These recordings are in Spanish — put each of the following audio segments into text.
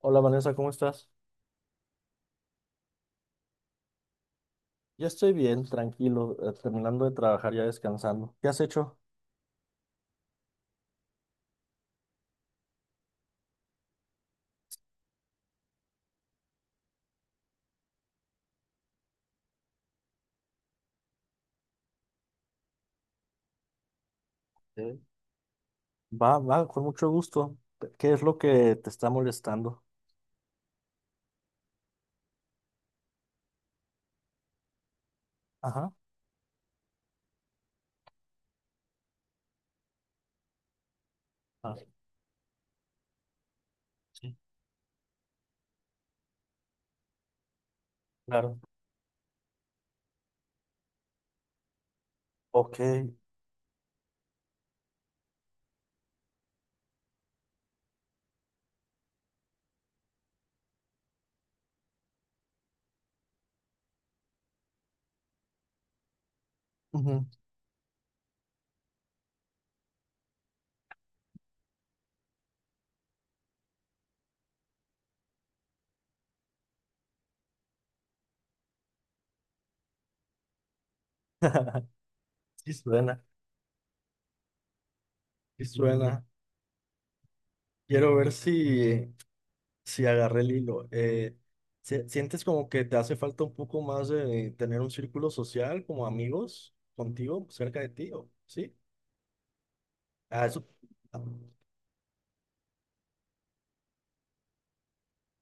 Hola Vanessa, ¿cómo estás? Ya estoy bien, tranquilo, terminando de trabajar, ya descansando. ¿Qué has hecho? ¿Eh? Va, con mucho gusto. ¿Qué es lo que te está molestando? Ajá. Ah, sí, claro. Ok. Ujú. Sí suena, sí suena. Quiero ver si agarré el hilo. ¿Sientes como que te hace falta un poco más de tener un círculo social, como amigos contigo, cerca de ti? ¿Sí? Ah, eso. Ah,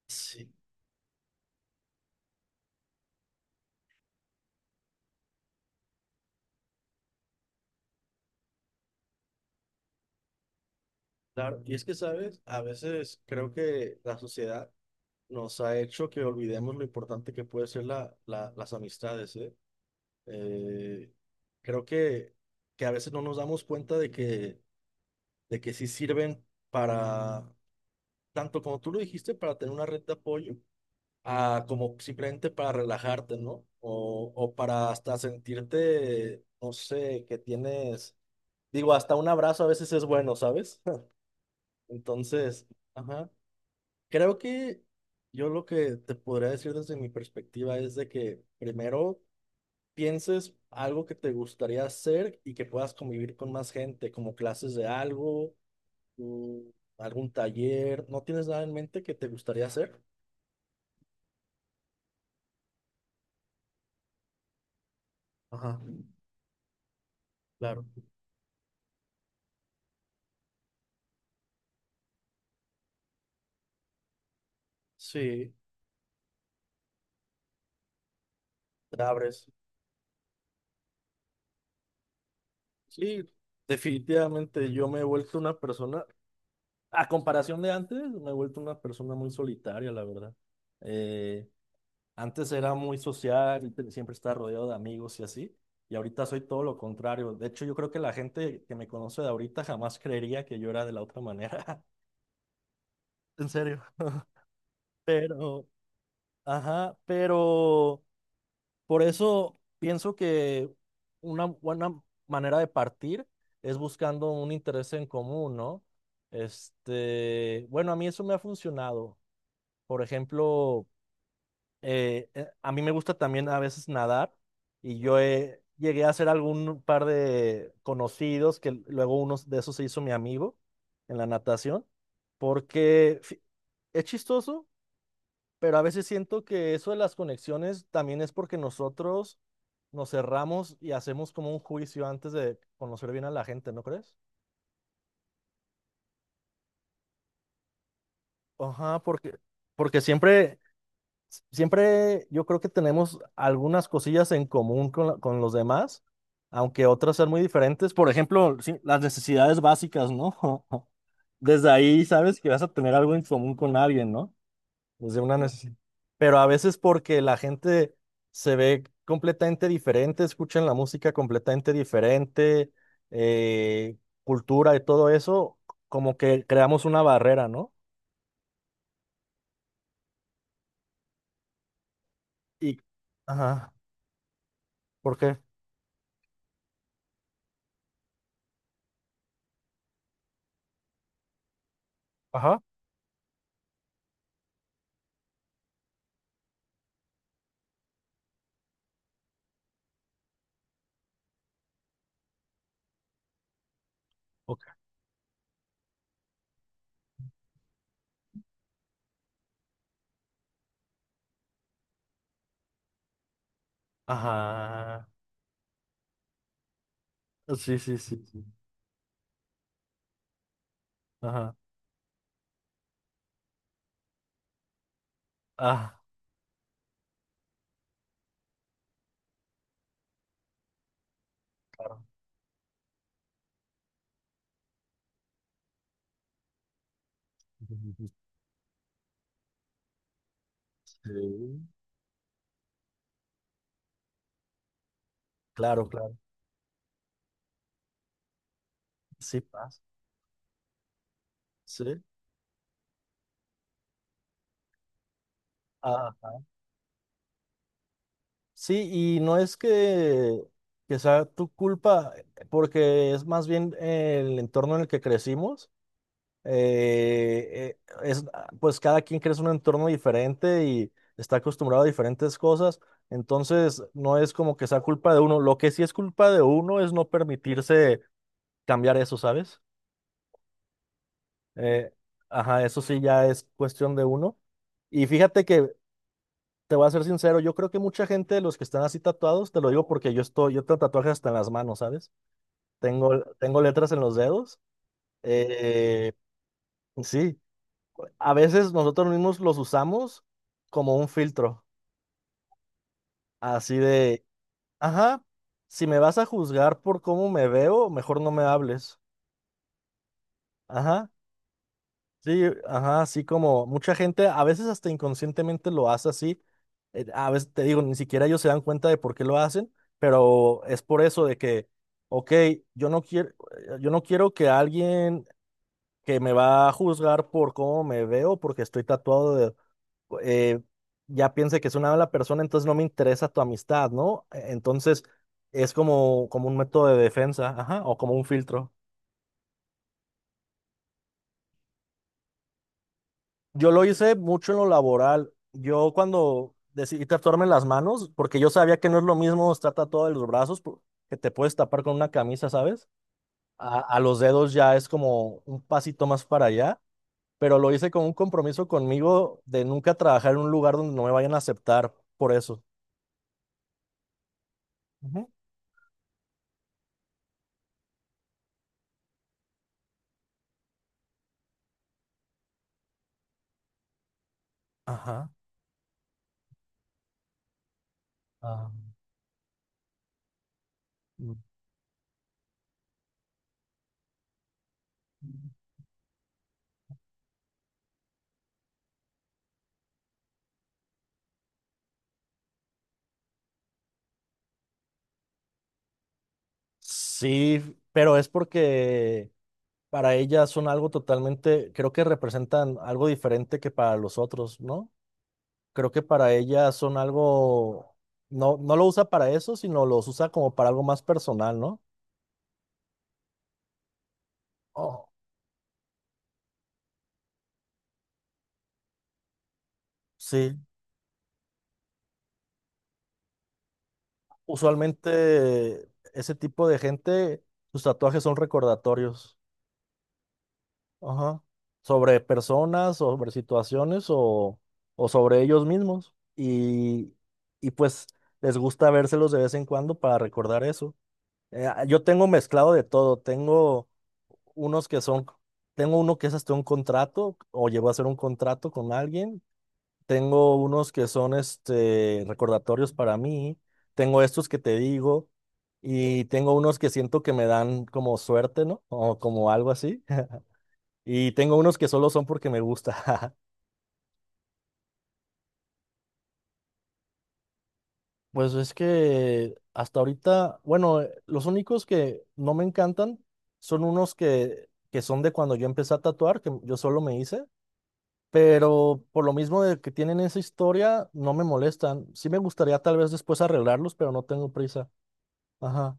sí. Claro, y es que, ¿sabes? A veces creo que la sociedad nos ha hecho que olvidemos lo importante que puede ser las amistades, ¿eh? Eh, creo que a veces no nos damos cuenta de de que sí sirven para, tanto como tú lo dijiste, para tener una red de apoyo, a, como simplemente para relajarte, ¿no? O para hasta sentirte, no sé, que tienes, digo, hasta un abrazo a veces es bueno, ¿sabes? Entonces, ajá. Creo que yo lo que te podría decir desde mi perspectiva es de que primero pienses algo que te gustaría hacer y que puedas convivir con más gente, como clases de algo, mm, algún taller. ¿No tienes nada en mente que te gustaría hacer? Ajá, claro. Sí, te abres. Sí, definitivamente yo me he vuelto una persona, a comparación de antes, me he vuelto una persona muy solitaria, la verdad. Eh, Antes era muy social, y siempre estaba rodeado de amigos y así, y ahorita soy todo lo contrario. De hecho, yo creo que la gente que me conoce de ahorita jamás creería que yo era de la otra manera. En serio. Pero, ajá, pero por eso pienso que una buena manera de partir es buscando un interés en común, ¿no? Este, bueno, a mí eso me ha funcionado. Por ejemplo, a mí me gusta también a veces nadar y yo llegué a hacer algún par de conocidos que luego uno de esos se hizo mi amigo en la natación, porque es chistoso, pero a veces siento que eso de las conexiones también es porque nosotros nos cerramos y hacemos como un juicio antes de conocer bien a la gente, ¿no crees? Ajá, porque, porque siempre yo creo que tenemos algunas cosillas en común con, con los demás, aunque otras sean muy diferentes. Por ejemplo, sí, las necesidades básicas, ¿no? Desde ahí sabes que vas a tener algo en común con alguien, ¿no? Desde una Sí. necesidad. Pero a veces porque la gente se ve completamente diferente, escuchan la música completamente diferente, eh, cultura y todo eso, como que creamos una barrera, ¿no? Y, ajá, ¿por qué? Ajá. Ok. Ajá. Sí, sí, sí, sí. Ajá. Ah, claro. Sí. Claro, claro. Sí pasa. Sí. Ajá. Sí, y no es que sea tu culpa, porque es más bien el entorno en el que crecimos. eh, eh, es, pues cada quien crece en un entorno diferente y está acostumbrado a diferentes cosas. Entonces, no es como que sea culpa de uno. Lo que sí es culpa de uno es no permitirse cambiar eso, ¿sabes? Eh, ajá, eso sí ya es cuestión de uno. Y fíjate que te voy a ser sincero, yo creo que mucha gente de los que están así tatuados, te lo digo porque yo estoy, yo tengo tatuajes hasta en las manos, ¿sabes? Tengo letras en los dedos. eh, sí, a veces nosotros mismos los usamos como un filtro, así de, ajá, si me vas a juzgar por cómo me veo, mejor no me hables. Ajá. Sí, ajá, así como mucha gente, a veces hasta inconscientemente lo hace así, a veces te digo, ni siquiera ellos se dan cuenta de por qué lo hacen, pero es por eso de que, ok, yo no quiero, yo no quiero que alguien que me va a juzgar por cómo me veo, porque estoy tatuado de, eh, ya piense que es una mala persona, entonces no me interesa tu amistad, ¿no? Entonces es como, como un método de defensa, ajá, o como un filtro. Yo lo hice mucho en lo laboral. Yo cuando decidí tatuarme las manos, porque yo sabía que no es lo mismo estar tatuado de los brazos, que te puedes tapar con una camisa, ¿sabes? A los dedos ya es como un pasito más para allá, pero lo hice con un compromiso conmigo de nunca trabajar en un lugar donde no me vayan a aceptar por eso. Ujú. Ajá. Ah, mm. Sí, pero es porque para ellas son algo totalmente, creo que representan algo diferente que para los otros, ¿no? Creo que para ella son algo, no lo usa para eso, sino los usa como para algo más personal, ¿no? Oh, sí, usualmente ese tipo de gente, sus tatuajes son recordatorios, ajá, sobre personas, sobre situaciones o sobre ellos mismos. Y pues les gusta vérselos de vez en cuando para recordar eso. Yo tengo mezclado de todo, tengo unos que son, tengo uno que es hasta un contrato o llegó a hacer un contrato con alguien. Tengo unos que son este, recordatorios para mí. Tengo estos que te digo y tengo unos que siento que me dan como suerte, ¿no? O como algo así. Y tengo unos que solo son porque me gusta. Pues es que hasta ahorita, bueno, los únicos que no me encantan son unos que son de cuando yo empecé a tatuar, que yo solo me hice. Pero por lo mismo de que tienen esa historia, no me molestan. Sí me gustaría tal vez después arreglarlos, pero no tengo prisa. Ajá.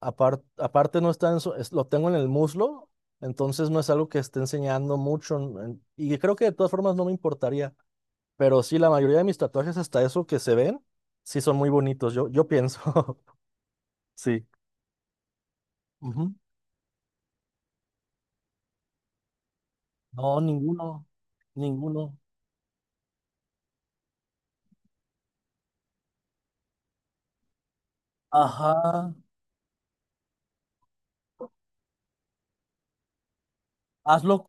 Aparte no está lo tengo en el muslo, entonces no es algo que esté enseñando mucho. Y creo que de todas formas no me importaría. Pero sí, la mayoría de mis tatuajes, hasta eso que se ven, sí son muy bonitos. Yo pienso. Sí. Ujú. No, ninguno. Ninguno. Ajá. Hazlo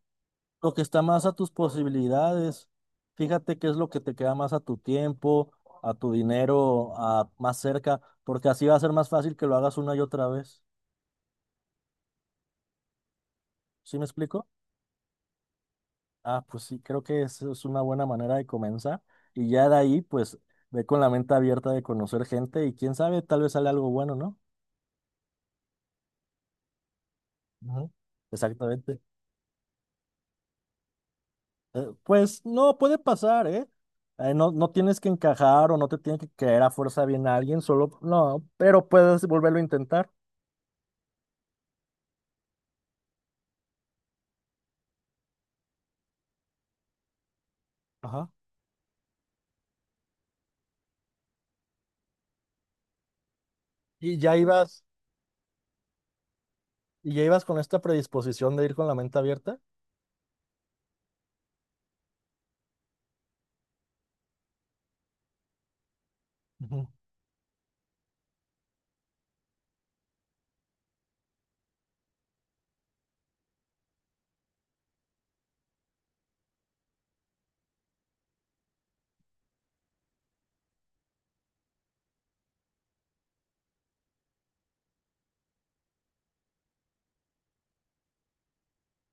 lo que está más a tus posibilidades, fíjate qué es lo que te queda más a tu tiempo, a tu dinero, a más cerca, porque así va a ser más fácil que lo hagas una y otra vez. ¿Sí me explico? Ah, pues sí, creo que eso es una buena manera de comenzar. Y ya de ahí, pues, ve con la mente abierta de conocer gente y quién sabe, tal vez sale algo bueno, ¿no? Ujú, exactamente. Pues no, puede pasar, ¿eh? No, no tienes que encajar o no te tiene que caer a fuerza bien a alguien, solo, no, pero puedes volverlo a intentar. Ajá. Y ya ibas, y ya ibas con esta predisposición de ir con la mente abierta. Ujú.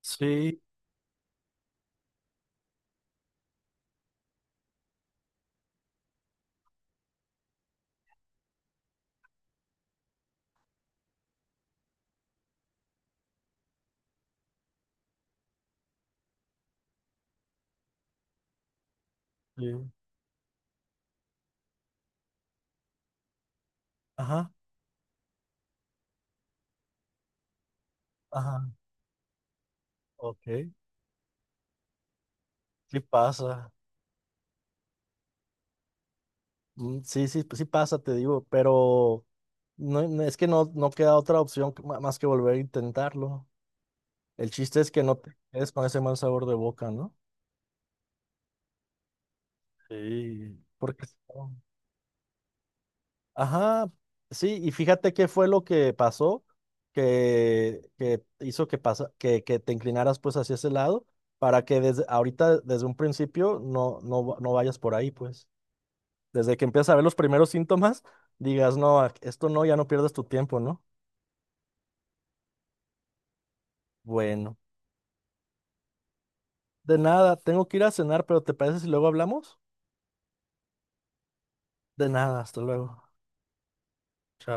Sí, sí. Ajá. Ajá. Ok. Sí pasa. Mm, sí, sí, sí pasa, te digo, pero es que no queda otra opción más que volver a intentarlo. El chiste es que no te quedes con ese mal sabor de boca, ¿no? Sí. Porque si no- Ajá, sí, y fíjate qué fue lo que pasó que hizo pasa, que te inclinaras pues hacia ese lado para que desde ahorita, desde un principio, no vayas por ahí, pues. Desde que empiezas a ver los primeros síntomas, digas, esto no, ya no pierdas tu tiempo, ¿no? Bueno, de nada, tengo que ir a cenar, pero ¿te parece si luego hablamos? De nada, hasta luego.